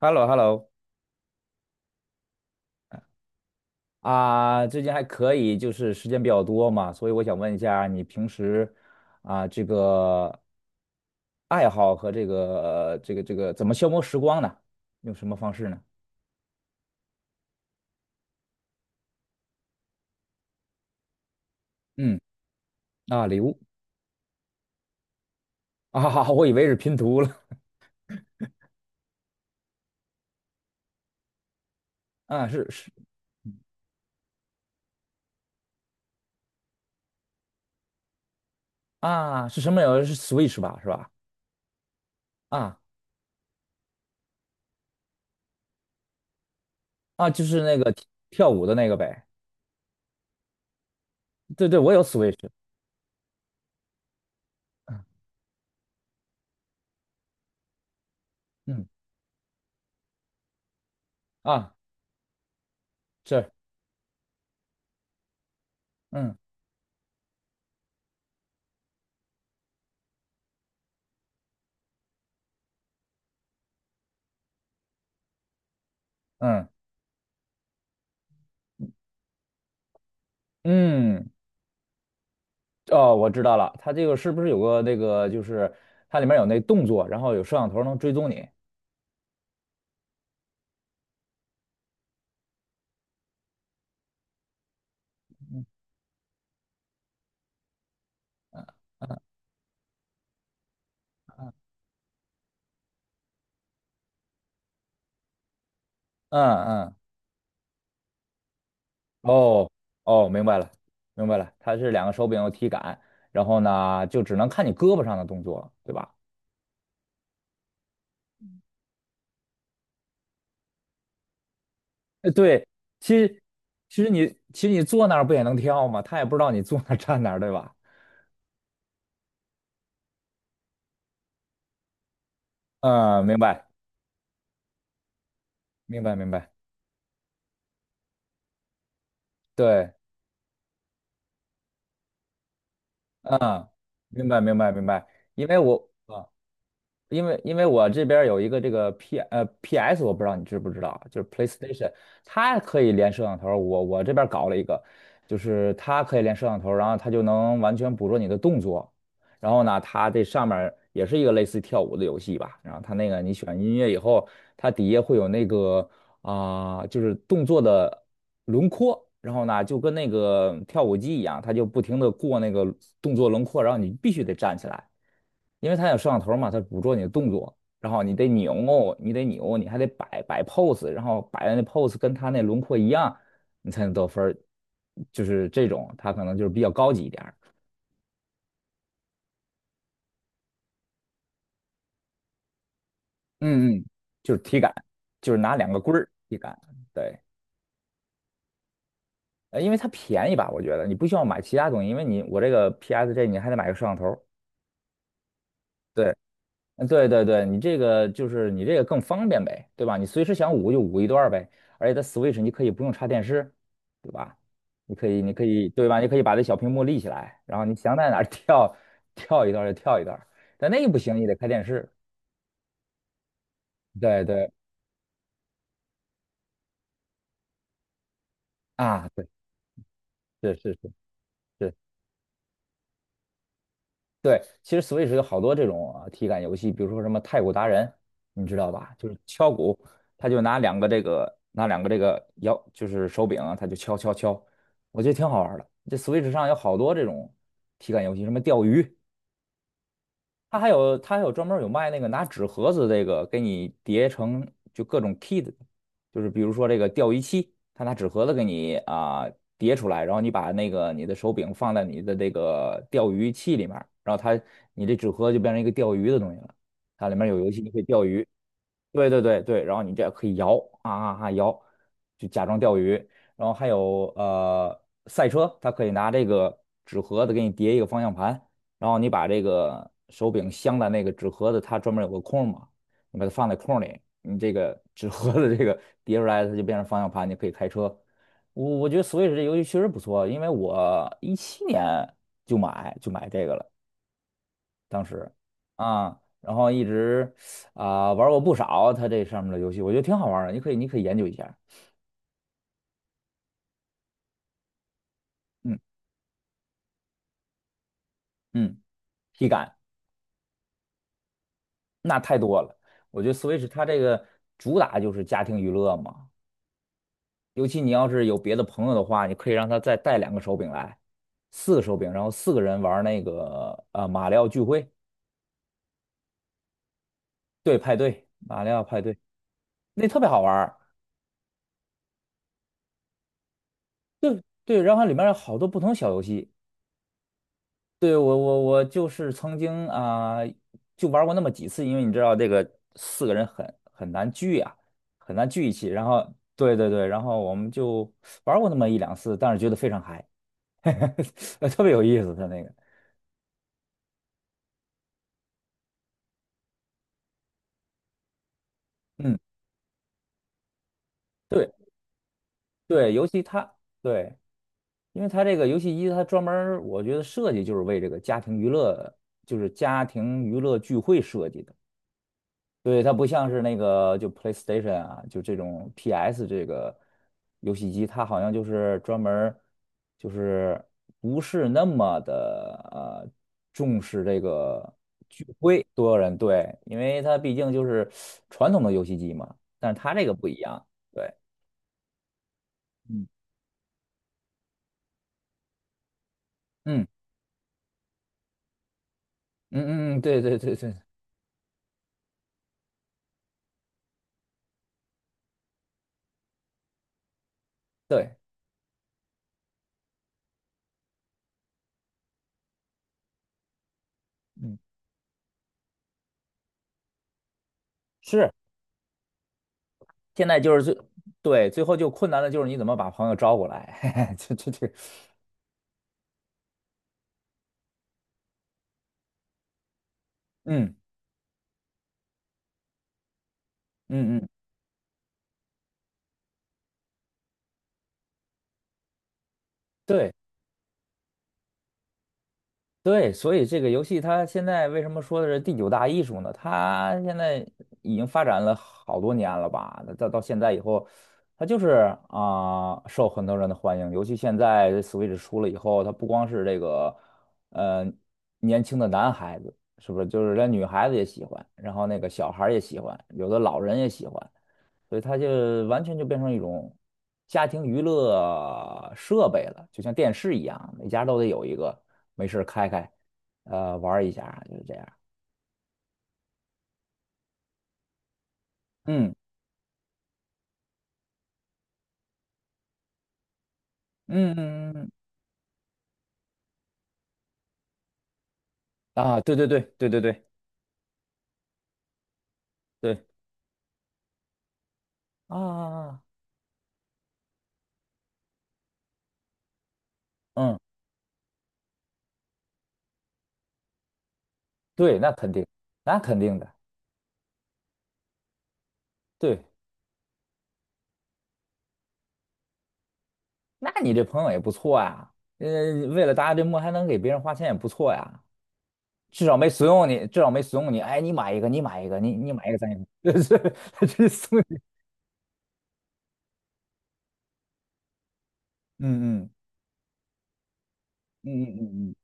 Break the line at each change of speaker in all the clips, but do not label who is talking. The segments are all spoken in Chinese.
h e l l o h e l l o 啊，最近还可以，就是时间比较多嘛，所以我想问一下，你平时这个爱好和这个怎么消磨时光呢？用什么方式呢？嗯。啊，礼物。啊，我以为是拼图了。啊，是是。啊，是什么是 Switch 吧，是吧？啊啊，就是那个跳舞的那个呗。对对，我有 Switch。嗯嗯。啊，是。嗯嗯嗯。哦，我知道了，它这个是不是有个那个，就是它里面有那动作，然后有摄像头能追踪你。嗯嗯，嗯。哦。哦，明白了，明白了，它是两个手柄有体感，然后呢，就只能看你胳膊上的动作，对吧？对，其实其实你其实你坐那儿不也能跳吗？他也不知道你坐那儿站哪儿，对吧？嗯，明白明白明白。对，嗯，明白明白明白。因为我。啊。因为我这边儿有一个这个 PS，我不知道你知不知道，就是 PlayStation，它可以连摄像头儿我这边儿搞了一个，就是它可以连摄像头儿然后它就能完全捕捉你的动作。然后呢，它这上面儿也是一个类似于跳舞的游戏吧。然后它那个你选音乐以后，它底下会有那个就是动作的轮廓，然后呢就跟那个跳舞机一样，它就不停的过那个动作轮廓，然后你必须得站起来，因为它有摄像头嘛，它捕捉你的动作，然后你得扭，你得扭，你还得摆摆 pose，然后摆的那 pose 跟它那轮廓一样，你才能得分儿，就是这种，它可能就是比较高级一点儿。嗯嗯，就是体感，就是拿两个棍儿体感。对。因为它便宜吧，我觉得你不需要买其他东西，因为你我这个 PS 这你还得买个摄像头。对。嗯，对对对，你这个就是你这个更方便呗，对吧？你随时想舞就舞一段儿呗，而且它 Switch 你可以不用插电视，对吧？你可以，你可以，对吧？你可以把这小屏幕立起来，然后你想在哪儿 跳跳一段儿就跳一段儿。但那个不行，你得开电视。对对。啊，对，是是是是。对，其实 Switch 有好多这种啊体感游戏，比如说什么太鼓达人，你知道吧？就是敲鼓，他就拿两个这个摇，就是手柄啊，他就敲敲敲，我觉得挺好玩儿的。这 Switch 上有好多这种体感游戏，什么钓鱼，它还有专门儿有卖那个拿纸盒子这个给你叠成就各种 kit，就是比如说这个钓鱼器，它拿纸盒子给你叠出来，然后你把那个你的手柄放在你的这个钓鱼器里面儿然后它你这纸盒就变成一个钓鱼的东西了，它里面有游戏，你可以钓鱼。对对对对，然后你这样可以摇摇，就假装钓鱼。然后还有赛车，它可以拿这个纸盒子给你叠一个方向盘，然后你把这个手柄镶在那个纸盒子，它专门有个空嘛，你把它放在空里，你这个纸盒子这个叠出来，它就变成方向盘，你可以开车。我觉得 Switch 这游戏确实不错，因为我一七年就买这个了，当时。啊，然后一直玩过不少它这上面的游戏，我觉得挺好玩的，你可以研究一下。嗯嗯，体感那太多了，我觉得 Switch 它这个主打就是家庭娱乐嘛，尤其你要是有别的朋友的话，你可以让他再带两个手柄来，四个手柄，然后四个人玩那个马里奥聚会。对，派对，马里奥派对，那特别好玩儿。对对，然后里面有好多不同小游戏。对，我就是曾经就玩过那么几次，因为你知道这个四个人很难聚啊，很难聚一起。然后对对对，然后我们就玩过那么一两次，但是觉得非常嗨，特别有意思，他那个。嗯。对。对，尤其它对，因为它这个游戏机它专门儿我觉得设计就是为这个家庭娱乐，就是家庭娱乐聚会设计的。对，它不像是那个就 PlayStation 啊，就这种 PS 这个游戏机，它好像就是专门儿就是不是那么的重视这个聚会多人对，因为它毕竟就是传统的游戏机嘛，但是它这个不一样。对，嗯嗯嗯嗯。嗯，对对对对对。嗯，是，现在就是最，对，最后就困难的就是你怎么把朋友招过来，这，嗯嗯嗯，对对，所以这个游戏它现在为什么说的是第九大艺术呢？它现在已经发展了好多年了吧？到现在以后，它就是受很多人的欢迎，尤其现在 Switch 出了以后，它不光是这个呃年轻的男孩子，是不是？就是连女孩子也喜欢，然后那个小孩儿也喜欢，有的老人也喜欢。所以它就完全就变成一种家庭娱乐设备了，就像电视一样，每家都得有一个，没事儿开开，玩儿一下，就是这样。嗯嗯嗯嗯。嗯啊，对对对对对对对。啊，啊啊啊。嗯，对，那肯定，那肯定的。对，那你这朋友也不错呀，呃，为了达这目还能给别人花钱也不错呀。至少没怂恿你，至少没怂恿你。哎，你买一个，你买一个，你买一个，咱也 这对这是怂送你。嗯嗯嗯嗯嗯。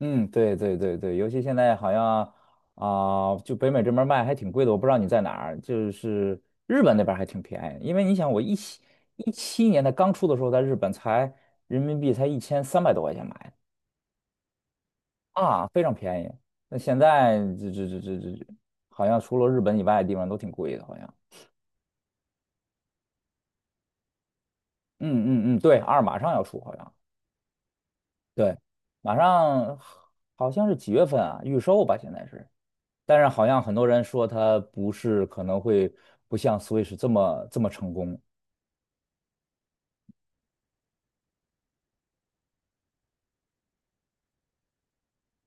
嗯，嗯，对对对对，尤其现在好像就北美这边儿卖还挺贵的，我不知道你在哪儿，就是日本那边儿还挺便宜，因为你想，我一七年它刚出的时候，在日本才人民币才1300多块钱买的啊，非常便宜。那现在这，好像除了日本以外的地方都挺贵的，好像。嗯嗯嗯，对，二马上要出，好像对，马上好像是几月份啊？预售吧，现在是。但是好像很多人说它不是，可能会不像 Switch 这么成功。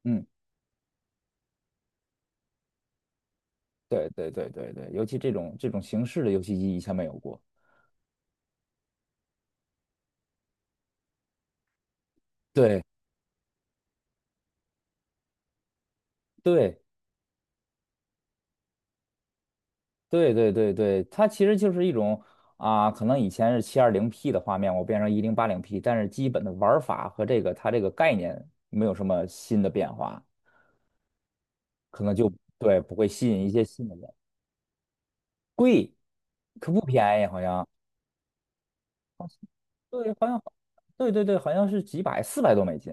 嗯，对对对对对，尤其这种形式的游戏机以前没有过。对对对对对对，它其实就是一种可能以前是 720P 的画面，我变成 1080P，但是基本的玩法和这个它这个概念没有什么新的变化，可能就对不会吸引一些新的人。贵，可不便宜，好像对，好像对对对，好像是几百400多美金。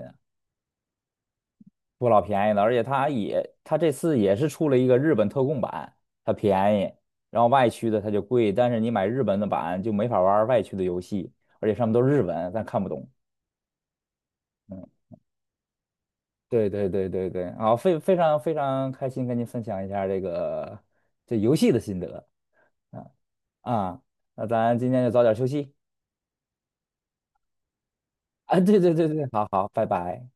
不老便宜的，而且它也，它这次也是出了一个日本特供版，它便宜，然后外区的它就贵，但是你买日本的版就没法玩外区的游戏，而且上面都是日文，咱看不懂。嗯，对对对对对，好，非常非常开心跟您分享一下这个这游戏的心得。嗯。啊，那咱今天就早点休息。啊，对对对对，好好，拜拜。